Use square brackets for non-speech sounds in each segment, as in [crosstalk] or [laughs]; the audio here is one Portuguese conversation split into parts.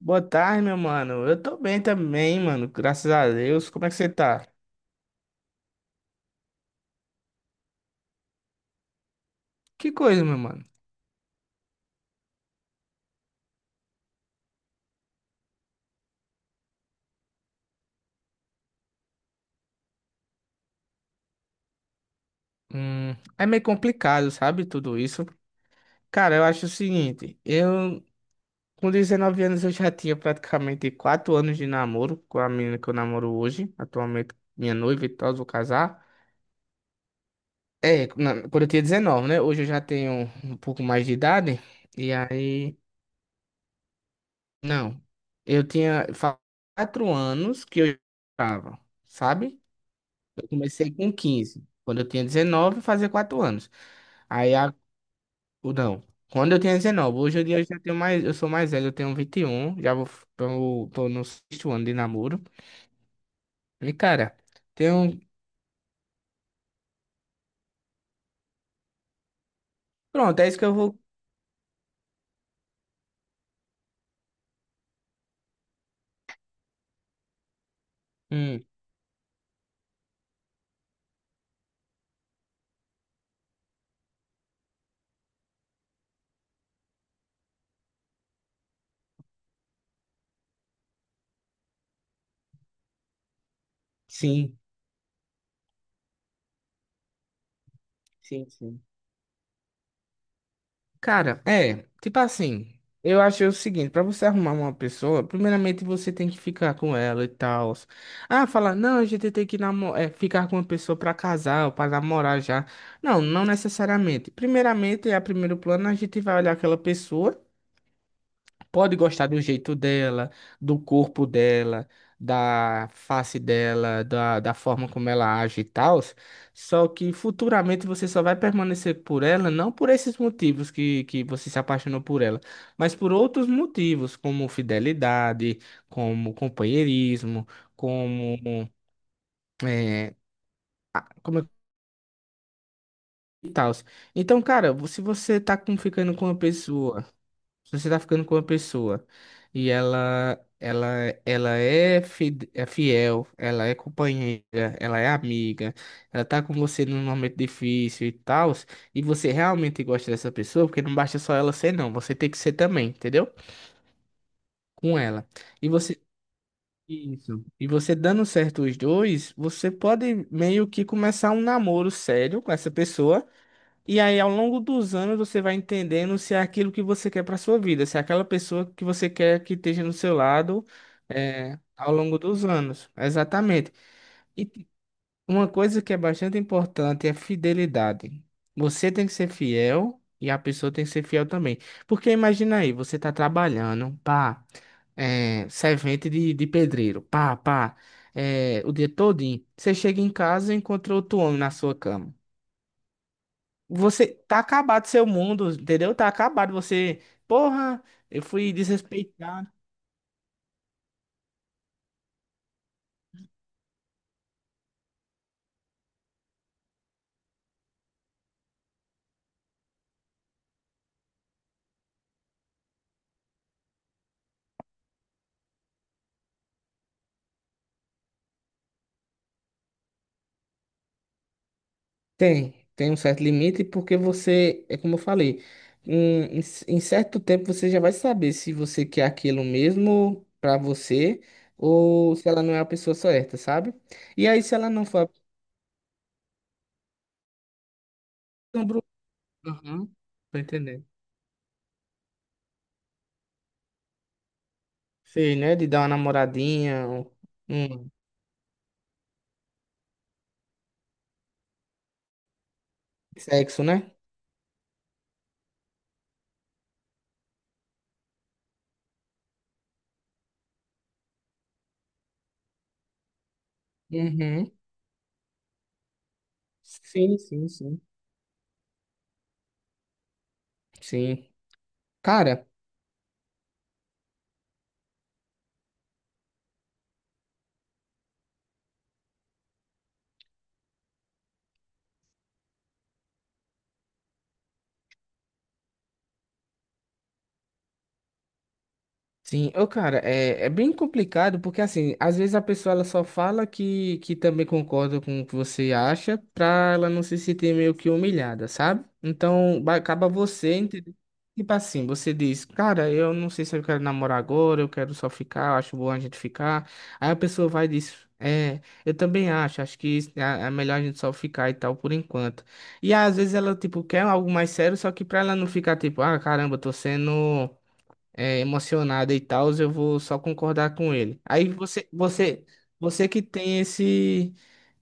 Boa tarde, meu mano. Eu tô bem também, mano. Graças a Deus. Como é que você tá? Que coisa, meu mano. Hum, é meio complicado, sabe? Tudo isso. Cara, eu acho o seguinte. Eu, com 19 anos, eu já tinha praticamente 4 anos de namoro com a menina que eu namoro hoje. Atualmente, minha noiva e tal, vou casar. É, quando eu tinha 19, né? Hoje eu já tenho um pouco mais de idade. E aí... Não. Eu tinha fa- 4 anos que eu já namorava, sabe? Eu comecei com 15. Quando eu tinha 19, fazia 4 anos. Aí, a... ou não. Quando eu tinha 19, hoje em dia eu já tenho mais, eu sou mais velho, eu tenho 21, tô no sexto ano de namoro. E, cara, tenho, pronto, é isso que eu vou, hum, sim, sim. Cara, tipo assim, eu achei o seguinte, pra você arrumar uma pessoa, primeiramente você tem que ficar com ela e tal. Ah, falar, não, a gente tem que ficar com uma pessoa pra casar ou pra namorar já. Não, não necessariamente. Primeiramente, a primeiro plano, a gente vai olhar aquela pessoa, pode gostar do jeito dela, do corpo dela, da face dela, da forma como ela age e tal, só que futuramente você só vai permanecer por ela, não por esses motivos que você se apaixonou por ela, mas por outros motivos, como fidelidade, como companheirismo, como. É, como é que tal? Então, cara, se você tá com- ficando com uma pessoa. Se você tá ficando com uma pessoa e ela é é fiel, ela é companheira, ela é amiga, ela tá com você num momento difícil e tal, e você realmente gosta dessa pessoa, porque não basta só ela ser não, você tem que ser também, entendeu? Com ela. E você isso. E você dando certo os dois, você pode meio que começar um namoro sério com essa pessoa e aí, ao longo dos anos, você vai entendendo se é aquilo que você quer para sua vida, se é aquela pessoa que você quer que esteja no seu lado, é, ao longo dos anos. Exatamente. E uma coisa que é bastante importante é a fidelidade. Você tem que ser fiel e a pessoa tem que ser fiel também. Porque imagina aí, você está trabalhando, pá, é, servente de pedreiro, é, o dia todinho. Você chega em casa e encontra outro homem na sua cama. Você tá acabado seu mundo, entendeu? Tá acabado. Você, porra, eu fui desrespeitado. Tem um certo limite, porque você, é como eu falei, em certo tempo você já vai saber se você quer aquilo mesmo pra você ou se ela não é a pessoa certa, sabe? E aí, se ela não for. Pessoa, Bru- Uhum, tô entendendo. Sei, né? De dar uma namoradinha, um sexo, né? Uhum. Sim. Sim. Cara. Sim, ô cara, é bem complicado porque assim, às vezes a pessoa ela só fala que também concorda com o que você acha pra ela não se sentir meio que humilhada, sabe? Acaba você, entendeu? Tipo assim, você diz, cara, eu não sei se eu quero namorar agora, eu quero só ficar, eu acho bom a gente ficar. Aí a pessoa vai e diz, é, eu também acho, é é melhor a gente só ficar e tal por enquanto. E às vezes ela, tipo, quer algo mais sério, só que pra ela não ficar tipo, ah, caramba, eu tô sendo emocionada e tal, eu vou só concordar com ele. Você que tem esse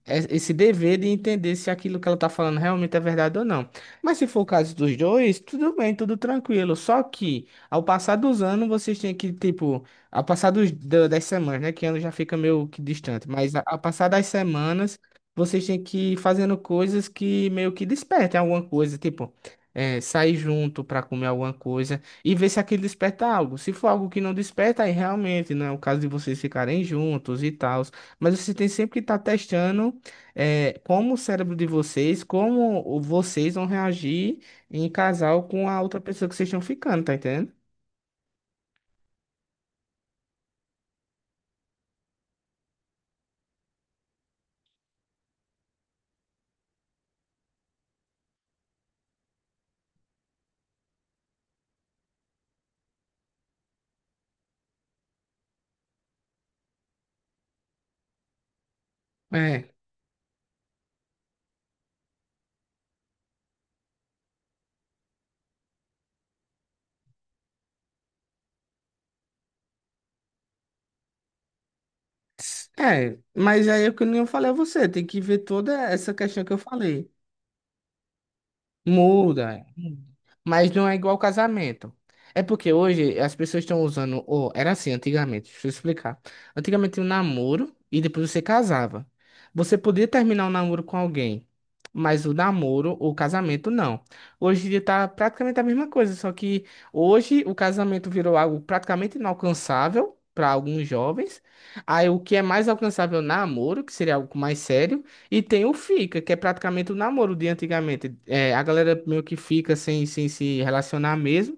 é- esse dever de entender se aquilo que ela tá falando realmente é verdade ou não. Mas se for o caso dos dois, tudo bem, tudo tranquilo. Só que ao passar dos anos, vocês têm que, tipo, ao passar dos, da- das semanas, né? Que ano já fica meio que distante, ao passar das semanas, vocês têm que ir fazendo coisas que meio que despertem alguma coisa, tipo. É, sair junto para comer alguma coisa e ver se aquilo desperta algo. Se for algo que não desperta, aí realmente não é o caso de vocês ficarem juntos e tal. Mas você tem sempre que estar testando como o cérebro de vocês, vocês vão reagir em casal com a outra pessoa que vocês estão ficando, tá entendendo? É. É, mas aí é o que eu não falei a você, tem que ver toda essa questão que eu falei. Muda. É. Mas não é igual casamento. É porque hoje as pessoas estão usando. Ou, era assim antigamente, deixa eu explicar. Antigamente tinha um namoro e depois você casava. Você podia terminar o namoro com alguém, mas o namoro, o casamento, não. Hoje em dia tá praticamente a mesma coisa, só que hoje o casamento virou algo praticamente inalcançável para alguns jovens. Aí o que é mais alcançável, namoro, que seria algo mais sério. E tem o fica, que é praticamente o namoro de antigamente. É, a galera meio que fica sem se relacionar mesmo.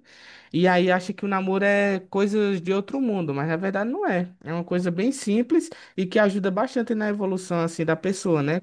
E aí acha que o namoro é coisas de outro mundo, mas na verdade não é. É uma coisa bem simples e que ajuda bastante na evolução assim da pessoa, né?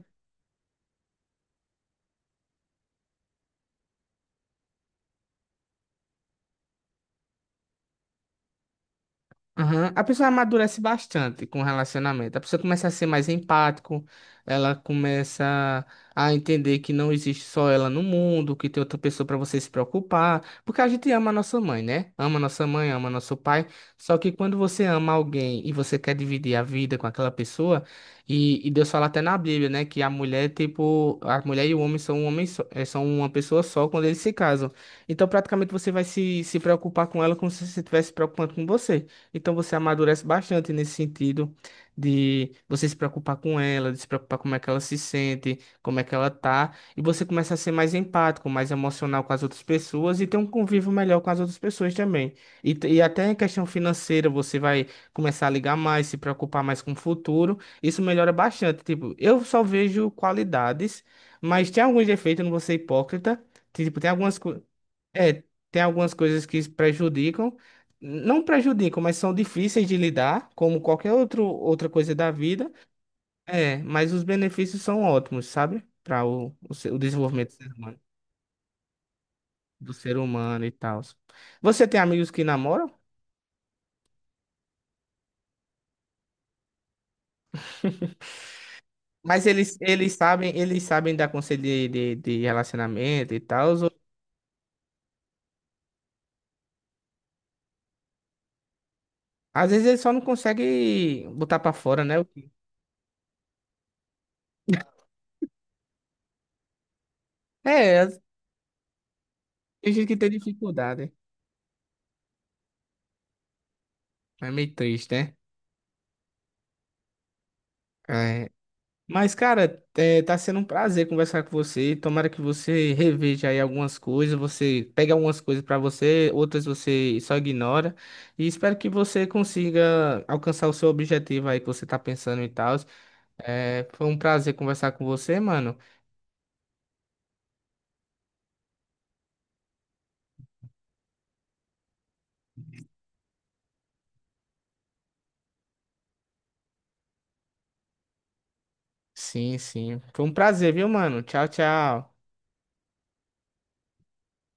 Aham. A pessoa amadurece bastante com o relacionamento. A pessoa começa a ser mais empático, ela começa a entender que não existe só ela no mundo, que tem outra pessoa para você se preocupar, porque a gente ama a nossa mãe, né? Ama nossa mãe, ama nosso pai. Só que quando você ama alguém e você quer dividir a vida com aquela pessoa, e Deus fala até na Bíblia, né, que a mulher, tipo, a mulher e o homem são um homem só, eh, são uma pessoa só quando eles se casam. Então, praticamente você vai se preocupar com ela como se você estivesse se preocupando com você. Então você amadurece bastante nesse sentido de você se preocupar com ela, de se preocupar como é que ela se sente, como é que ela tá, e você começa a ser mais empático, mais emocional com as outras pessoas e ter um convívio melhor com as outras pessoas também. E, até em questão financeira, você vai começar a ligar mais, se preocupar mais com o futuro. Isso melhora bastante. Tipo, eu só vejo qualidades, mas tem alguns defeitos, eu não vou ser hipócrita. Tipo, tem algumas coisas. É, tem algumas coisas que prejudicam, não prejudicam, mas são difíceis de lidar, como qualquer outro, outra coisa da vida. É, mas os benefícios são ótimos, sabe? Para o desenvolvimento do ser humano e tal. Você tem amigos que namoram, [laughs] mas eles sabem, eles sabem dar conselho de relacionamento e tal. Às vezes eles só não conseguem botar para fora, né? [laughs] É, tem gente que tem dificuldade. É meio triste, né? É, mas, cara, é, tá sendo um prazer conversar com você. Tomara que você reveja aí algumas coisas, você pega algumas coisas pra você, outras você só ignora. E espero que você consiga alcançar o seu objetivo aí que você tá pensando e tal. É, foi um prazer conversar com você, mano. Sim, sim. Foi um prazer, viu, mano? Tchau, tchau.